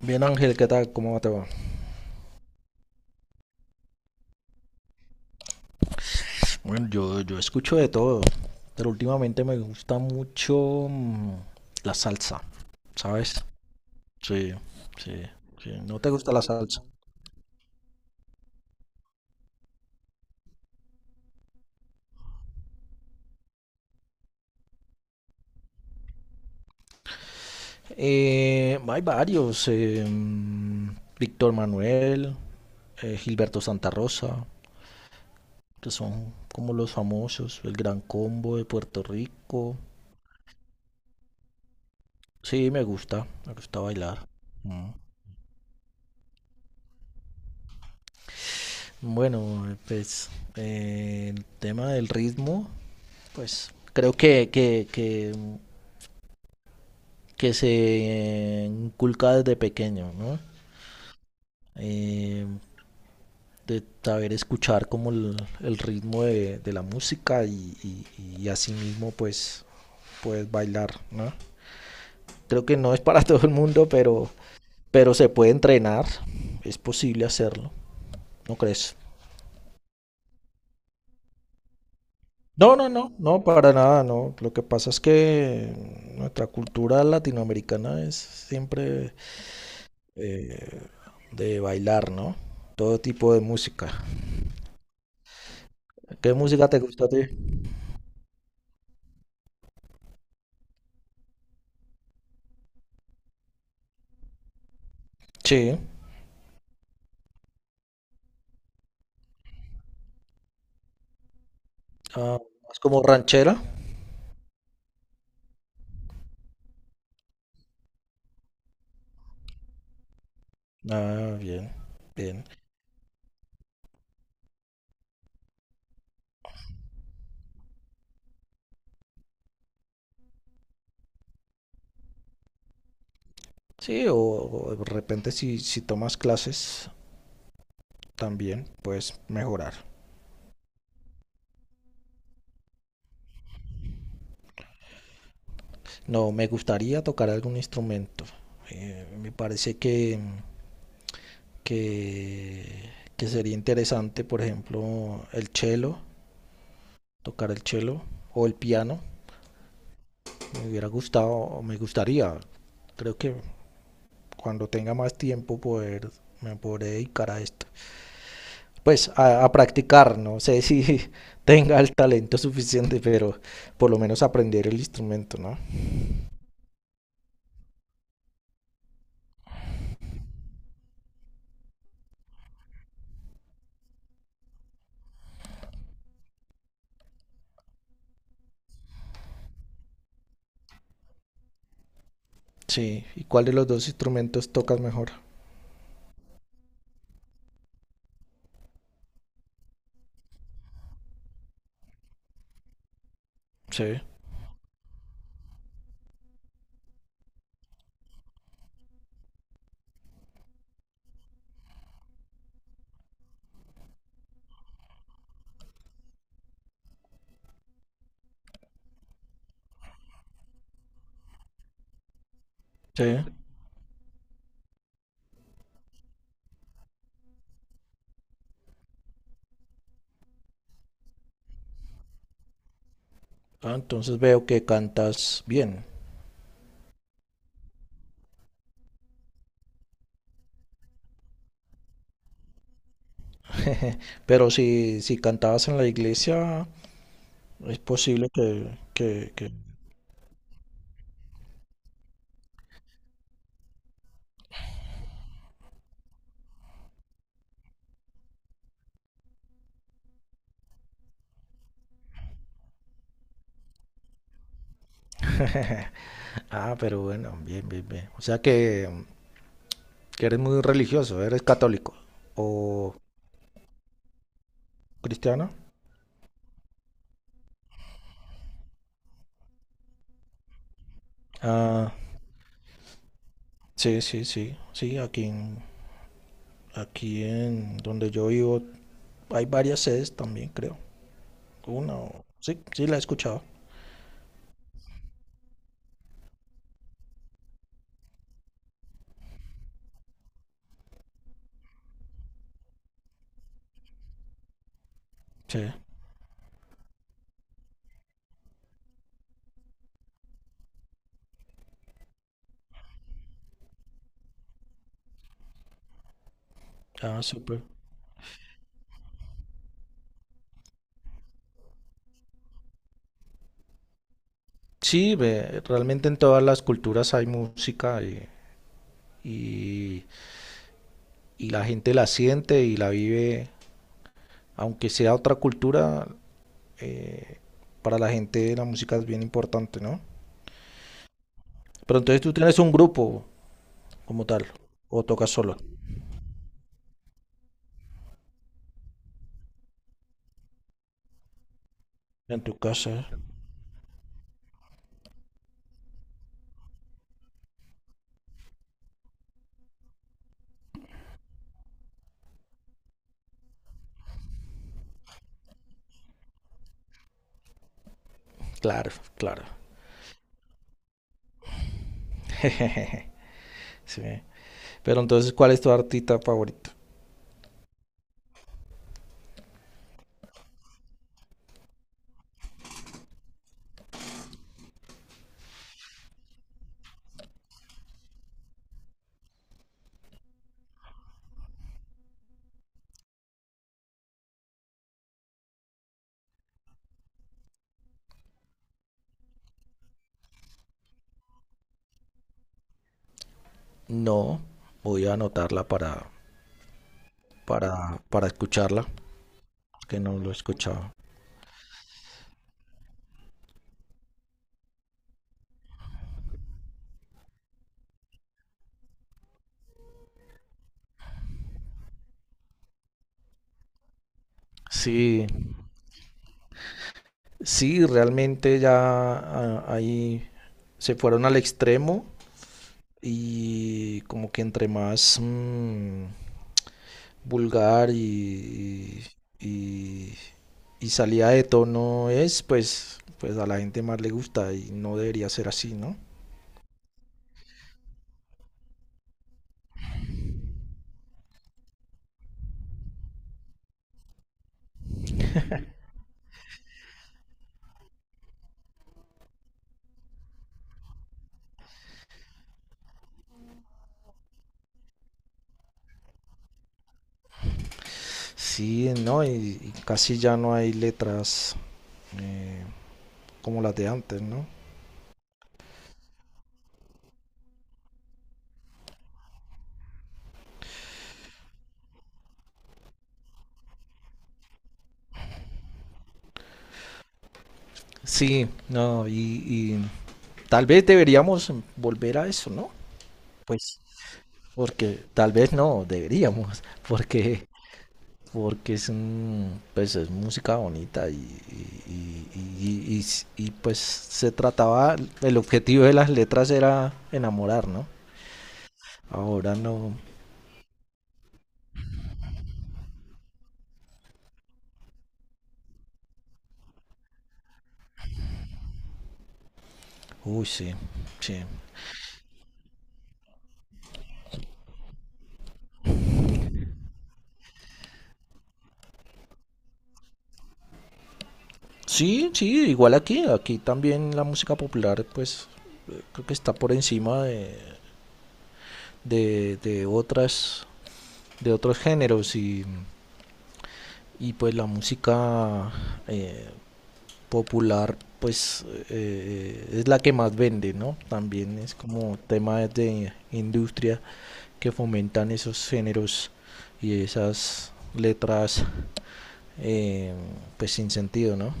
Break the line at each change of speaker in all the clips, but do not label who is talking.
Bien, Ángel, ¿qué tal? ¿Cómo te va? Bueno, yo escucho de todo, pero últimamente me gusta mucho la salsa, ¿sabes? Sí, sí, sí. ¿No te gusta la salsa? Hay varios, Víctor Manuel, Gilberto Santa Rosa, que son como los famosos, el Gran Combo de Puerto Rico. Sí, me gusta bailar. Mm. Bueno, pues el tema del ritmo. Pues creo que se inculca desde pequeño, ¿no? Eh, de saber escuchar como el ritmo de la música y y, así mismo pues puedes bailar, ¿no? Creo que no es para todo el mundo, pero se puede entrenar, es posible hacerlo, ¿no crees? No, no, no, no, para nada, no. Lo que pasa es que nuestra cultura latinoamericana es siempre eh, de bailar, ¿no? Todo tipo de música. ¿Qué música te gusta a ti? Sí. Ah, ¿más como ranchera? Ah, bien, bien. Sí, o de repente si, si tomas clases también puedes mejorar. No, me gustaría tocar algún instrumento. Me parece que, que sería interesante, por ejemplo, el cello, tocar el cello o el piano. Me hubiera gustado, o me gustaría. Creo que cuando tenga más tiempo poder, me podré dedicar a esto. Pues a practicar, no sé si tenga el talento suficiente, pero por lo menos aprender el instrumento, ¿no? Sí, ¿y cuál de los dos instrumentos tocas mejor? Sí, sí. Ah, entonces veo que cantas bien. Pero si, si cantabas en la iglesia, es posible que... Ah, pero bueno, bien, bien, bien. O sea que eres muy religioso, ¿eres católico o cristiano? Ah, sí, sí, sí, sí, aquí en donde yo vivo hay varias sedes también, creo. Una o... Sí, sí, la he escuchado. Sí, ah, súper. Sí, ve, realmente en todas las culturas hay música y y la gente la siente y la vive, aunque sea otra cultura, eh, para la gente la música es bien importante, ¿no? Pero entonces tú tienes un grupo como tal, o tocas solo en tu casa. Claro, claro. Sí. Pero entonces, ¿cuál es tu artista favorito? No, voy a anotarla para escucharla, que no lo he escuchado. Sí, sí, realmente ya ahí se fueron al extremo y como que entre más vulgar y y salida de tono es, pues, pues a la gente más le gusta y no debería ser así, ¿no? Sí, no, y casi ya no hay letras eh, como las de antes, ¿no? Sí, no, y tal vez deberíamos volver a eso, ¿no? Pues, porque tal vez no, deberíamos, porque, porque es, un- pues, es música bonita y pues se trataba, el objetivo de las letras era enamorar, ¿no? Ahora no, uy, sí, sí. Sí, sí, igual aquí también la música popular, pues creo que está por encima de otras, de otros géneros y pues la música eh, popular, pues es la que más vende, ¿no? También es como tema de industria que fomentan esos géneros y esas letras, eh, pues sin sentido, ¿no?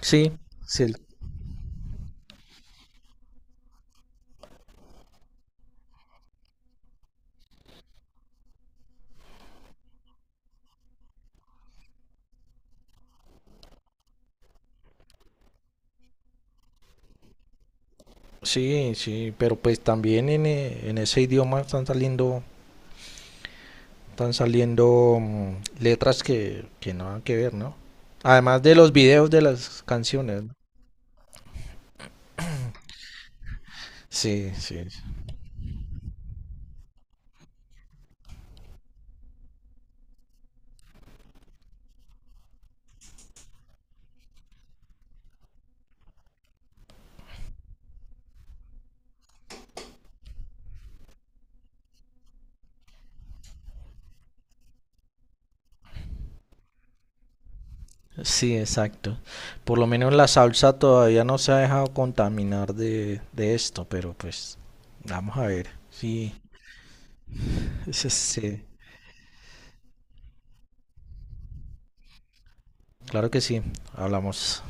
Sí, sí. Sí, sí, pero pues también en ese idioma están saliendo letras que no han que ver, ¿no? Además de los videos de las canciones, ¿no? Sí, sí, sí, exacto. Por lo menos la salsa todavía no se ha dejado contaminar de esto, pero pues vamos a ver. Sí, sí, sí, claro que sí, hablamos.